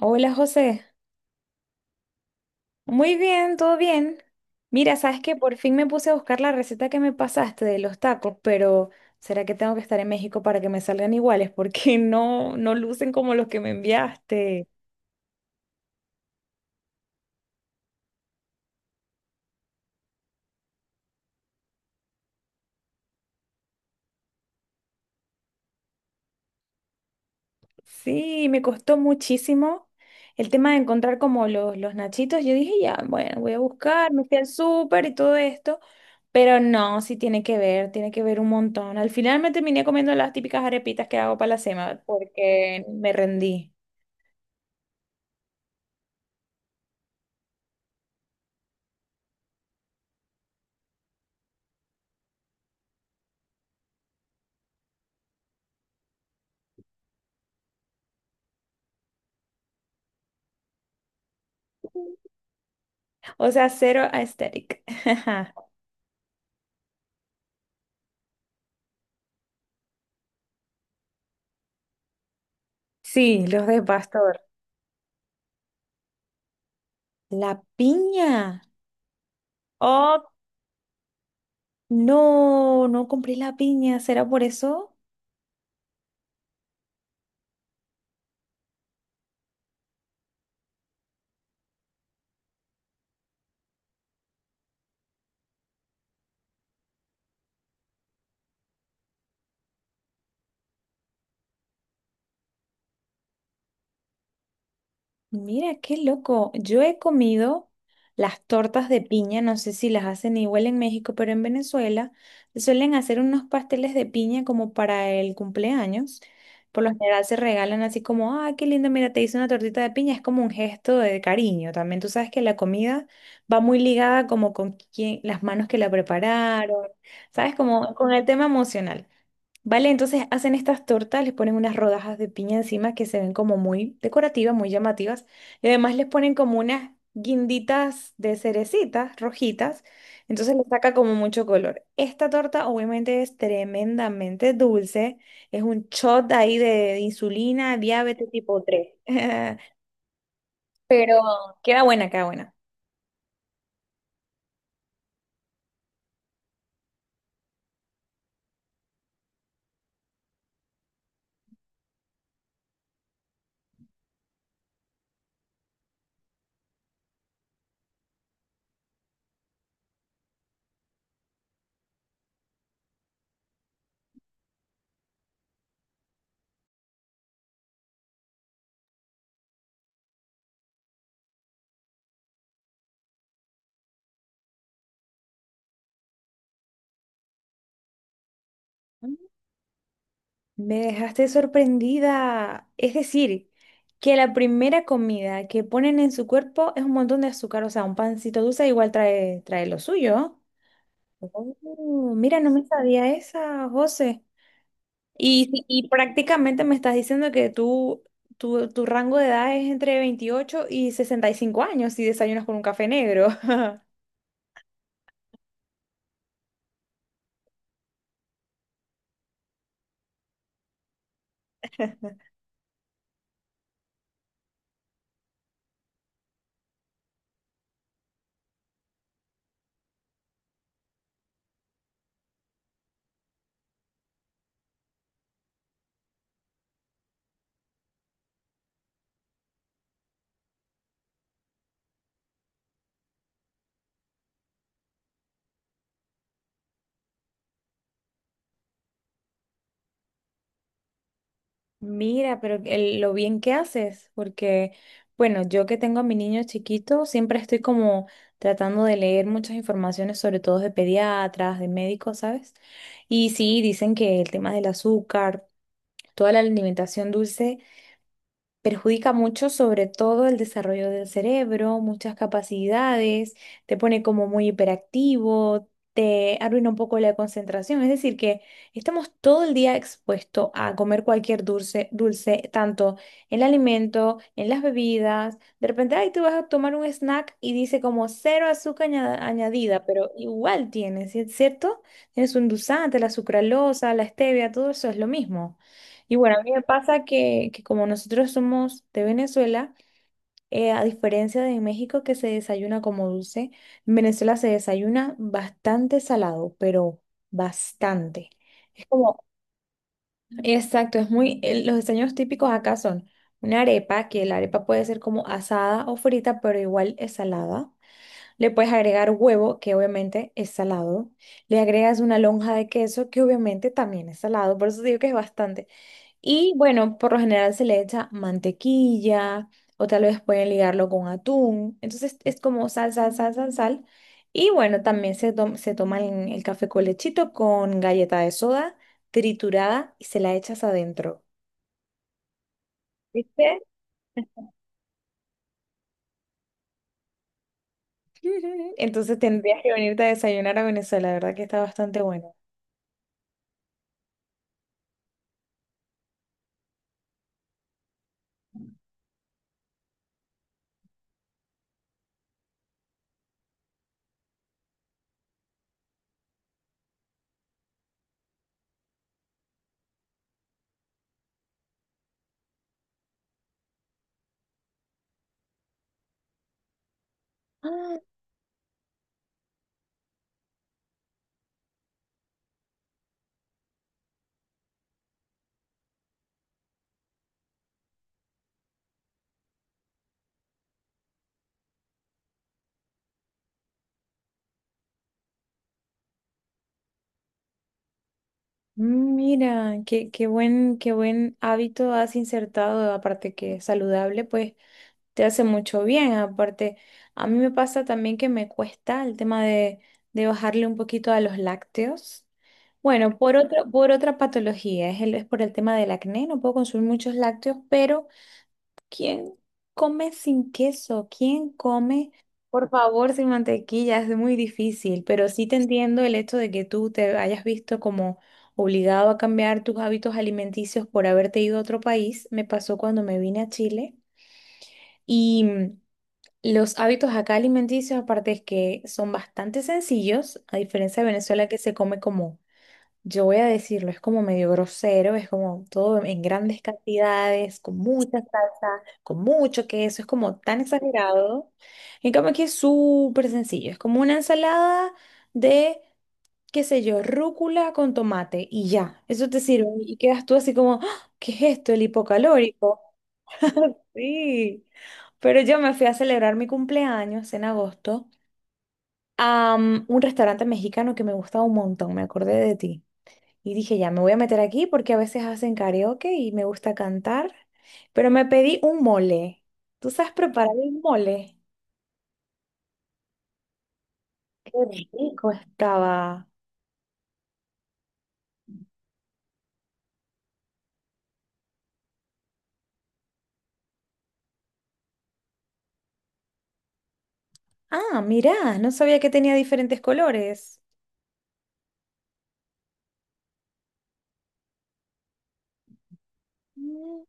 Hola José, muy bien, todo bien. Mira, sabes que por fin me puse a buscar la receta que me pasaste de los tacos, pero ¿será que tengo que estar en México para que me salgan iguales? Porque no, no lucen como los que me enviaste. Sí, me costó muchísimo el tema de encontrar como los nachitos. Yo dije, ya, bueno, voy a buscar, me fui al súper y todo esto, pero no, sí tiene que ver un montón. Al final me terminé comiendo las típicas arepitas que hago para la semana porque me rendí. O sea, cero aesthetic. Sí, los de pastor. La piña. Oh, no, no compré la piña. ¿Será por eso? Mira, qué loco. Yo he comido las tortas de piña, no sé si las hacen igual en México, pero en Venezuela suelen hacer unos pasteles de piña como para el cumpleaños. Por lo general se regalan así como, ah, qué lindo, mira, te hice una tortita de piña. Es como un gesto de cariño también. Tú sabes que la comida va muy ligada como con quién, las manos que la prepararon, ¿sabes? Como con el tema emocional. Vale, entonces hacen estas tortas, les ponen unas rodajas de piña encima que se ven como muy decorativas, muy llamativas. Y además les ponen como unas guinditas de cerecitas rojitas. Entonces le saca como mucho color. Esta torta obviamente es tremendamente dulce. Es un shot ahí de insulina, diabetes tipo 3. Pero queda buena, queda buena. Me dejaste sorprendida. Es decir, que la primera comida que ponen en su cuerpo es un montón de azúcar, o sea, un pancito dulce igual trae, trae lo suyo. Oh, mira, no me sabía esa, José. Y, y prácticamente me estás diciendo que tu rango de edad es entre 28 y 65 años si desayunas con un café negro. Mira, pero lo bien que haces, porque, bueno, yo que tengo a mi niño chiquito, siempre estoy como tratando de leer muchas informaciones, sobre todo de pediatras, de médicos, ¿sabes? Y sí, dicen que el tema del azúcar, toda la alimentación dulce perjudica mucho sobre todo el desarrollo del cerebro, muchas capacidades, te pone como muy hiperactivo, te arruina un poco la concentración. Es decir, que estamos todo el día expuestos a comer cualquier dulce, dulce, tanto en el alimento, en las bebidas. De repente, ay, tú vas a tomar un snack y dice como cero azúcar añadida, pero igual tienes, ¿sí, cierto? Tienes un endulzante, la sucralosa, la stevia, todo eso es lo mismo. Y bueno, a mí me pasa que como nosotros somos de Venezuela, a diferencia de México que se desayuna como dulce, en Venezuela se desayuna bastante salado, pero bastante. Es como, exacto, es muy, los desayunos típicos acá son una arepa, que la arepa puede ser como asada o frita, pero igual es salada. Le puedes agregar huevo, que obviamente es salado. Le agregas una lonja de queso, que obviamente también es salado, por eso digo que es bastante. Y bueno, por lo general se le echa mantequilla o tal vez pueden ligarlo con atún. Entonces es como sal, sal, sal, sal, sal. Y bueno, también se toma el café con lechito con galleta de soda triturada y se la echas adentro. ¿Viste? Entonces tendrías que venirte a desayunar a Venezuela, la verdad que está bastante bueno. Ah, mira, qué buen hábito has insertado, aparte que es saludable, pues te hace mucho bien. Aparte, a mí me pasa también que me cuesta el tema de bajarle un poquito a los lácteos. Bueno, por otra patología, es, es por el tema del acné, no puedo consumir muchos lácteos, pero ¿quién come sin queso? ¿Quién come, por favor, sin mantequilla? Es muy difícil, pero sí te entiendo el hecho de que tú te hayas visto como obligado a cambiar tus hábitos alimenticios por haberte ido a otro país. Me pasó cuando me vine a Chile. Y los hábitos acá alimenticios, aparte es que son bastante sencillos, a diferencia de Venezuela que se come como, yo voy a decirlo, es como medio grosero, es como todo en grandes cantidades, con mucha salsa, con mucho queso, es como tan exagerado. En cambio aquí es súper sencillo, es como una ensalada de, qué sé yo, rúcula con tomate y ya, eso te sirve y quedas tú así como, "Ah, ¿qué es esto? El hipocalórico". Sí, pero yo me fui a celebrar mi cumpleaños en agosto a un restaurante mexicano que me gustaba un montón, me acordé de ti. Y dije, ya me voy a meter aquí porque a veces hacen karaoke y me gusta cantar, pero me pedí un mole. ¿Tú sabes preparar un mole? Qué rico estaba. Ah, mirá, no sabía que tenía diferentes colores. Mm.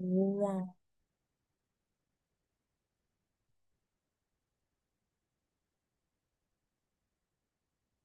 Wow.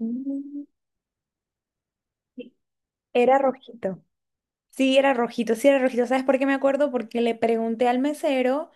Mm. Sí, era rojito. Sí, era rojito, sí era rojito. ¿Sabes por qué me acuerdo? Porque le pregunté al mesero,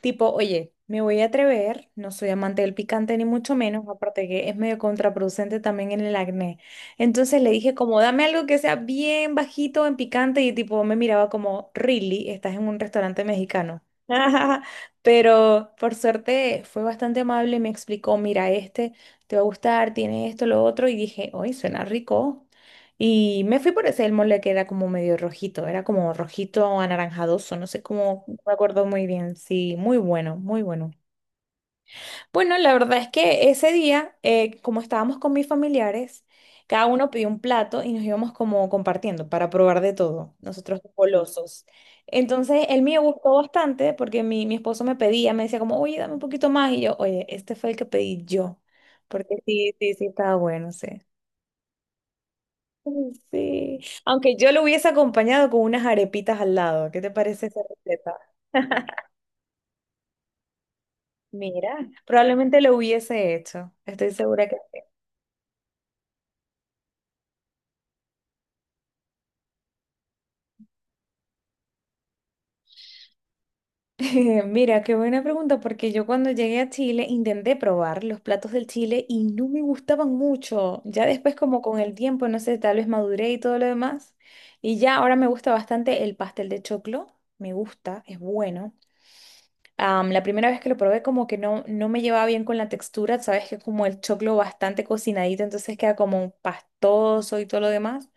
tipo, oye, me voy a atrever, no soy amante del picante ni mucho menos, aparte que es medio contraproducente también en el acné. Entonces le dije como, dame algo que sea bien bajito en picante y tipo me miraba como, really, estás en un restaurante mexicano. Pero por suerte fue bastante amable y me explicó, mira, este te va a gustar, tiene esto, lo otro, y dije, oye, suena rico. Y me fui por ese el mole que era como medio rojito, era como rojito anaranjadoso, no sé cómo, no me acuerdo muy bien. Sí, muy bueno, muy bueno. Bueno, la verdad es que ese día, como estábamos con mis familiares, cada uno pidió un plato y nos íbamos como compartiendo para probar de todo, nosotros golosos. Entonces, el mío gustó bastante porque mi esposo me pedía, me decía como, oye, dame un poquito más. Y yo, oye, este fue el que pedí yo, porque sí, sí, sí, estaba bueno, sí. Sí, aunque yo lo hubiese acompañado con unas arepitas al lado. ¿Qué te parece esa receta? Mira, probablemente lo hubiese hecho. Estoy segura que... Mira, qué buena pregunta, porque yo cuando llegué a Chile intenté probar los platos del Chile y no me gustaban mucho. Ya después como con el tiempo, no sé, tal vez maduré y todo lo demás. Y ya ahora me gusta bastante el pastel de choclo. Me gusta, es bueno. La primera vez que lo probé como que no, no me llevaba bien con la textura, sabes que es como el choclo bastante cocinadito, entonces queda como un pastoso y todo lo demás.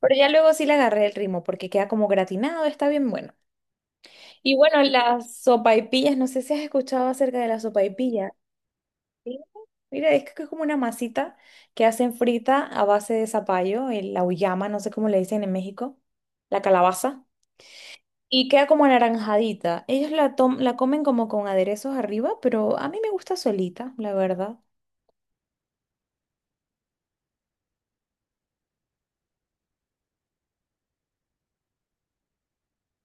Pero ya luego sí le agarré el ritmo porque queda como gratinado, está bien bueno. Y bueno, las sopaipillas, no sé si has escuchado acerca de las sopaipillas. ¿Sí? Mira, es que es como una masita que hacen frita a base de zapallo, la uyama, no sé cómo le dicen en México, la calabaza. Y queda como anaranjadita. Ellos la comen como con aderezos arriba, pero a mí me gusta solita, la verdad.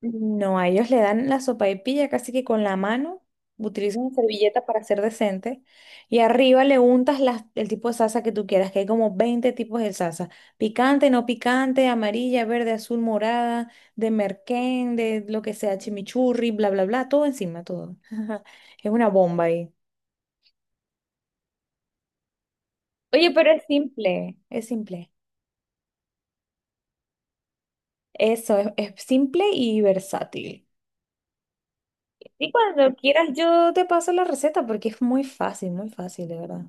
No, a ellos le dan la sopaipilla casi que con la mano. Utilizan una servilleta para ser decente. Y arriba le untas el tipo de salsa que tú quieras, que hay como 20 tipos de salsa. Picante, no picante, amarilla, verde, azul, morada, de merquén, de lo que sea, chimichurri, bla, bla, bla. Todo encima, todo. Es una bomba ahí. Oye, pero es simple, es simple. Eso, es simple y versátil. Y cuando quieras yo te paso la receta porque es muy fácil, de verdad.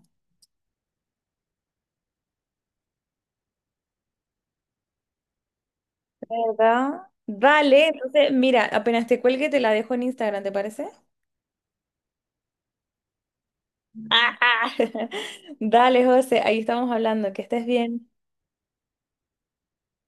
¿Verdad? Vale, entonces mira, apenas te cuelgue te la dejo en Instagram, ¿te parece? Ajá. Dale, José, ahí estamos hablando, que estés bien.